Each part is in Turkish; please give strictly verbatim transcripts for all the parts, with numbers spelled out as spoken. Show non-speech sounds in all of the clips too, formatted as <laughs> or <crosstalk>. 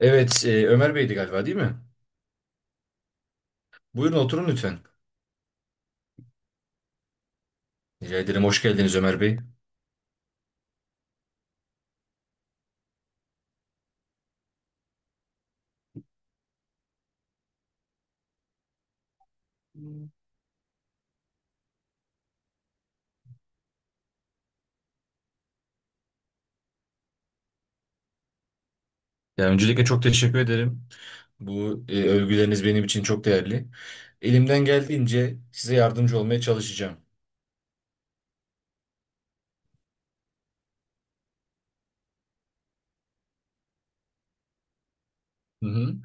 Evet, e, Ömer Bey'di galiba değil mi? Buyurun oturun lütfen. Rica ederim, hoş geldiniz Ömer Bey. Ya, öncelikle çok teşekkür ederim. Bu e, övgüleriniz benim için çok değerli. Elimden geldiğince size yardımcı olmaya çalışacağım. Hı hı.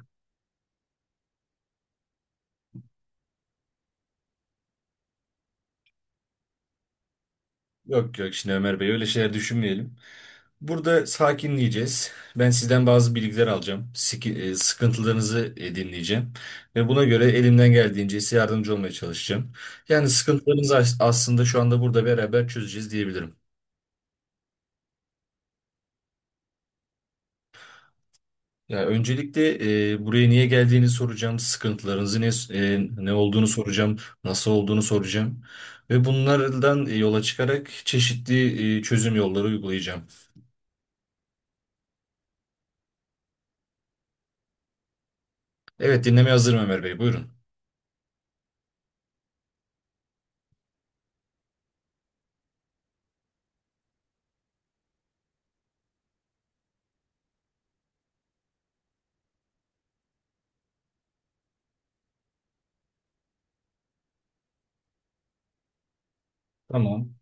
Yok yok, şimdi Ömer Bey öyle şeyler düşünmeyelim. Burada sakinleyeceğiz. Ben sizden bazı bilgiler alacağım. Siki- e, Sıkıntılarınızı e, dinleyeceğim. Ve buna göre elimden geldiğince size yardımcı olmaya çalışacağım. Yani sıkıntılarınızı as- aslında şu anda burada beraber çözeceğiz diyebilirim. Ya öncelikle e, buraya niye geldiğini soracağım, sıkıntılarınızı ne e, ne olduğunu soracağım, nasıl olduğunu soracağım ve bunlardan e, yola çıkarak çeşitli e, çözüm yolları uygulayacağım. Evet, dinlemeye hazırım Ömer Bey, buyurun. Tamam.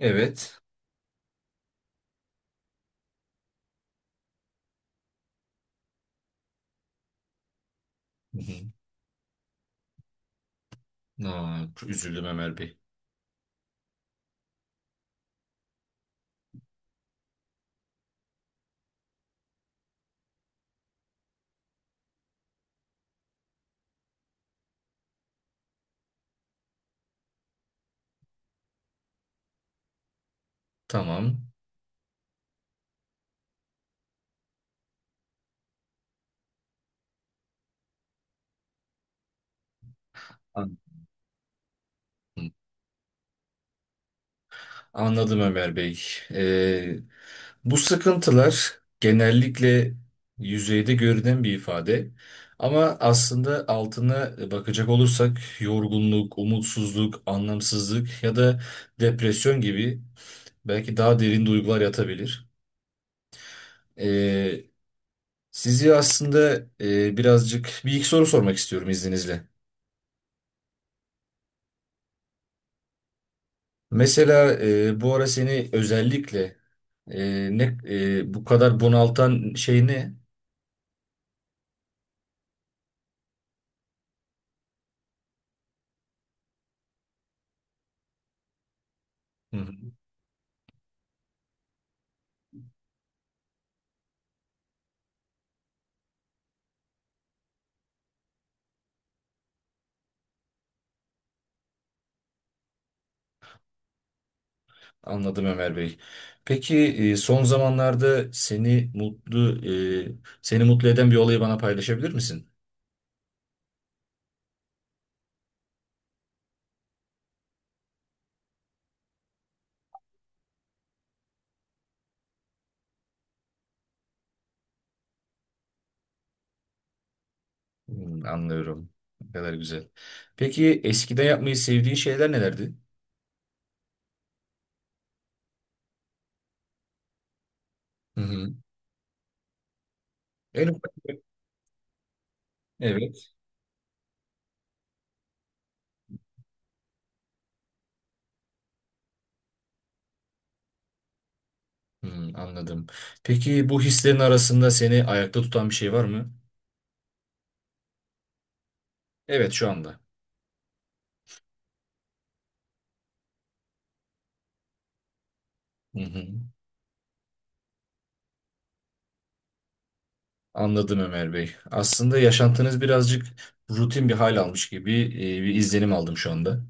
Evet. Hı hı. Aa, üzüldüm Ömer Bey. Tamam. An- Anladım Ömer Bey. Bu sıkıntılar genellikle yüzeyde görünen bir ifade, ama aslında altına e, bakacak olursak yorgunluk, umutsuzluk, anlamsızlık ya da depresyon gibi belki daha derin duygular yatabilir. Ee, sizi aslında e, birazcık bir iki soru sormak istiyorum izninizle. Mesela e, bu ara seni özellikle e, ne e, bu kadar bunaltan şey ne? Hı hı. Anladım Ömer Bey. Peki e, son zamanlarda seni mutlu e, seni mutlu eden bir olayı bana paylaşabilir misin? Hmm, anlıyorum. Ne kadar güzel. Peki eskiden yapmayı sevdiğin şeyler nelerdi? Hı hı. En ufak- Evet. Hmm, anladım. Peki bu hislerin arasında seni ayakta tutan bir şey var mı? Evet, şu anda. Hı hı. Anladım Ömer Bey. Aslında yaşantınız birazcık rutin bir hal almış gibi e, bir izlenim aldım şu anda.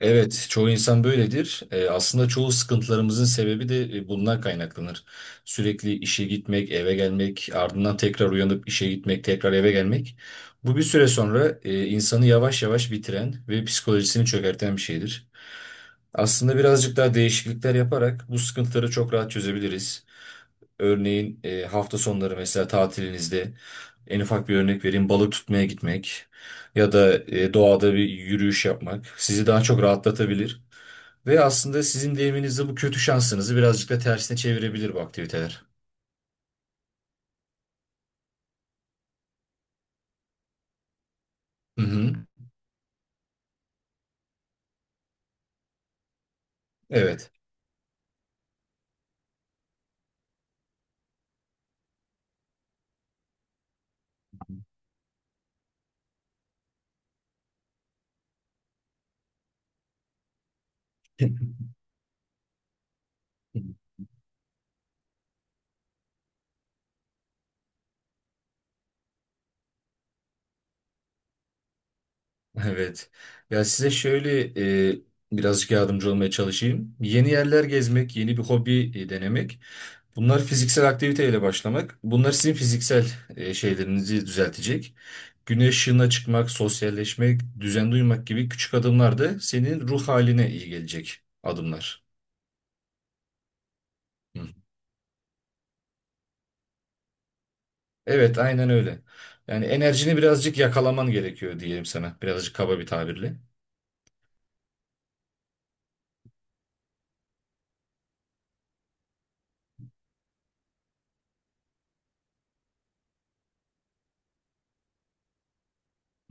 Evet, çoğu insan böyledir. Eee, aslında çoğu sıkıntılarımızın sebebi de e, bundan kaynaklanır. Sürekli işe gitmek, eve gelmek, ardından tekrar uyanıp işe gitmek, tekrar eve gelmek. Bu bir süre sonra e, insanı yavaş yavaş bitiren ve psikolojisini çökerten bir şeydir. Aslında birazcık daha değişiklikler yaparak bu sıkıntıları çok rahat çözebiliriz. Örneğin e, hafta sonları, mesela tatilinizde, en ufak bir örnek vereyim, balık tutmaya gitmek ya da e, doğada bir yürüyüş yapmak sizi daha çok rahatlatabilir ve aslında sizin deyiminizde bu kötü şansınızı birazcık da tersine çevirebilir bu aktiviteler. Hı hı. Evet. <laughs> Evet. Ya size şöyle e, birazcık yardımcı olmaya çalışayım. Yeni yerler gezmek, yeni bir hobi e, denemek. Bunlar fiziksel aktiviteyle başlamak. Bunlar sizin fiziksel e, şeylerinizi düzeltecek. Güneş ışığına çıkmak, sosyalleşmek, düzen duymak gibi küçük adımlar da senin ruh haline iyi gelecek adımlar. Hı. Evet, aynen öyle. Yani enerjini birazcık yakalaman gerekiyor diyelim sana. Birazcık kaba bir tabirle.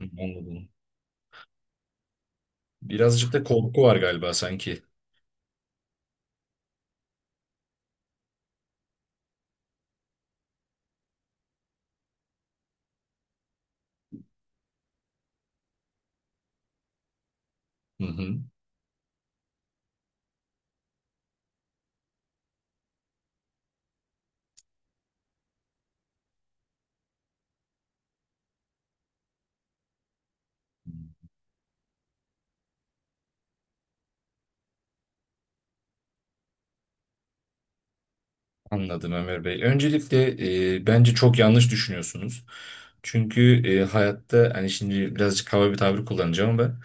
Hı, anladım. Birazcık da korku var galiba sanki. Hı hı. Anladım Ömer Bey. Öncelikle e, bence çok yanlış düşünüyorsunuz. Çünkü e, hayatta, hani şimdi birazcık hava bir tabir kullanacağım ama,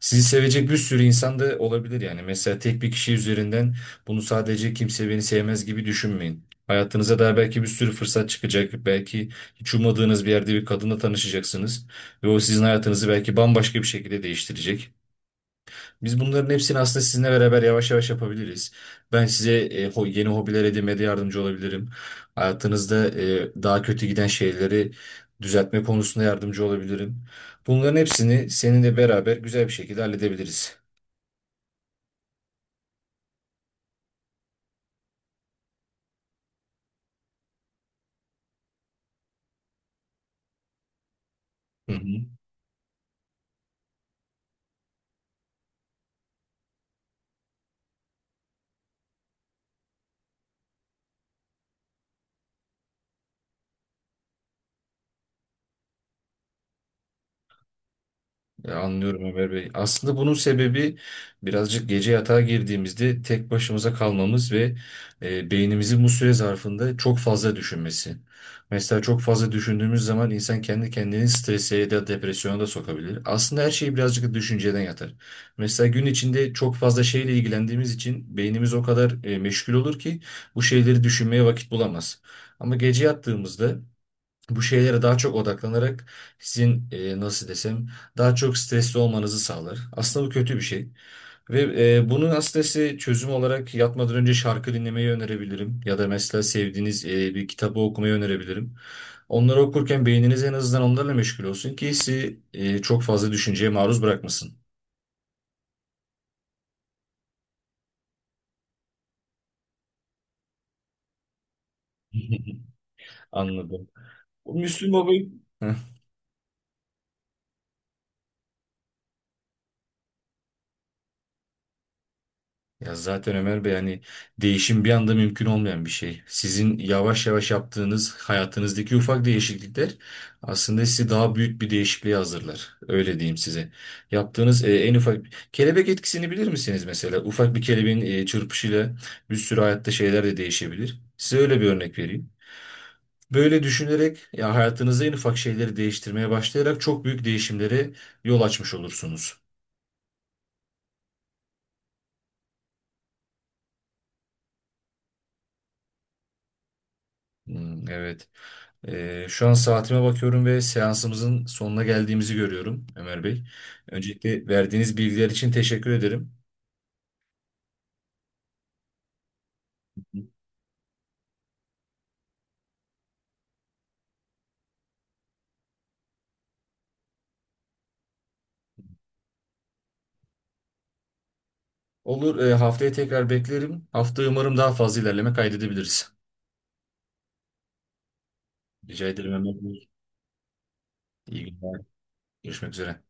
sizi sevecek bir sürü insan da olabilir yani. Mesela tek bir kişi üzerinden bunu sadece kimse beni sevmez gibi düşünmeyin. Hayatınıza daha belki bir sürü fırsat çıkacak. Belki hiç ummadığınız bir yerde bir kadınla tanışacaksınız. Ve o sizin hayatınızı belki bambaşka bir şekilde değiştirecek. Biz bunların hepsini aslında sizinle beraber yavaş yavaş yapabiliriz. Ben size e, ho- yeni hobiler edinmede yardımcı olabilirim. Hayatınızda e, daha kötü giden şeyleri düzeltme konusunda yardımcı olabilirim. Bunların hepsini seninle beraber güzel bir şekilde halledebiliriz. Hı hı. Ya anlıyorum Ömer Bey. Aslında bunun sebebi birazcık gece yatağa girdiğimizde tek başımıza kalmamız ve e, beynimizin bu süre zarfında çok fazla düşünmesi. Mesela çok fazla düşündüğümüz zaman insan kendi kendini strese ya da depresyona da sokabilir. Aslında her şey birazcık da düşünceden yatar. Mesela gün içinde çok fazla şeyle ilgilendiğimiz için beynimiz o kadar e, meşgul olur ki bu şeyleri düşünmeye vakit bulamaz. Ama gece yattığımızda bu şeylere daha çok odaklanarak sizin, e, nasıl desem, daha çok stresli olmanızı sağlar. Aslında bu kötü bir şey. Ve e, bunun aslında size çözüm olarak yatmadan önce şarkı dinlemeyi önerebilirim. Ya da mesela sevdiğiniz e, bir kitabı okumayı önerebilirim. Onları okurken beyniniz en azından onlarla meşgul olsun ki sizi e, çok fazla düşünceye maruz bırakmasın. <laughs> Anladım. Bu Müslüm Baba... <laughs> Ya zaten Ömer Bey, hani değişim bir anda mümkün olmayan bir şey. Sizin yavaş yavaş yaptığınız hayatınızdaki ufak değişiklikler aslında sizi daha büyük bir değişikliğe hazırlar. Öyle diyeyim size. Yaptığınız e, en ufak... Kelebek etkisini bilir misiniz mesela? Ufak bir kelebeğin e, çırpışıyla bir sürü hayatta şeyler de değişebilir. Size öyle bir örnek vereyim. Böyle düşünerek ya hayatınızda en ufak şeyleri değiştirmeye başlayarak çok büyük değişimlere yol açmış olursunuz. Hmm, evet. Ee, şu an saatime bakıyorum ve seansımızın sonuna geldiğimizi görüyorum Ömer Bey. Öncelikle verdiğiniz bilgiler için teşekkür ederim. Olur, e, haftaya tekrar beklerim. Hafta umarım daha fazla ilerleme kaydedebiliriz. Rica ederim Ömer Bey. İyi günler. Görüşmek üzere.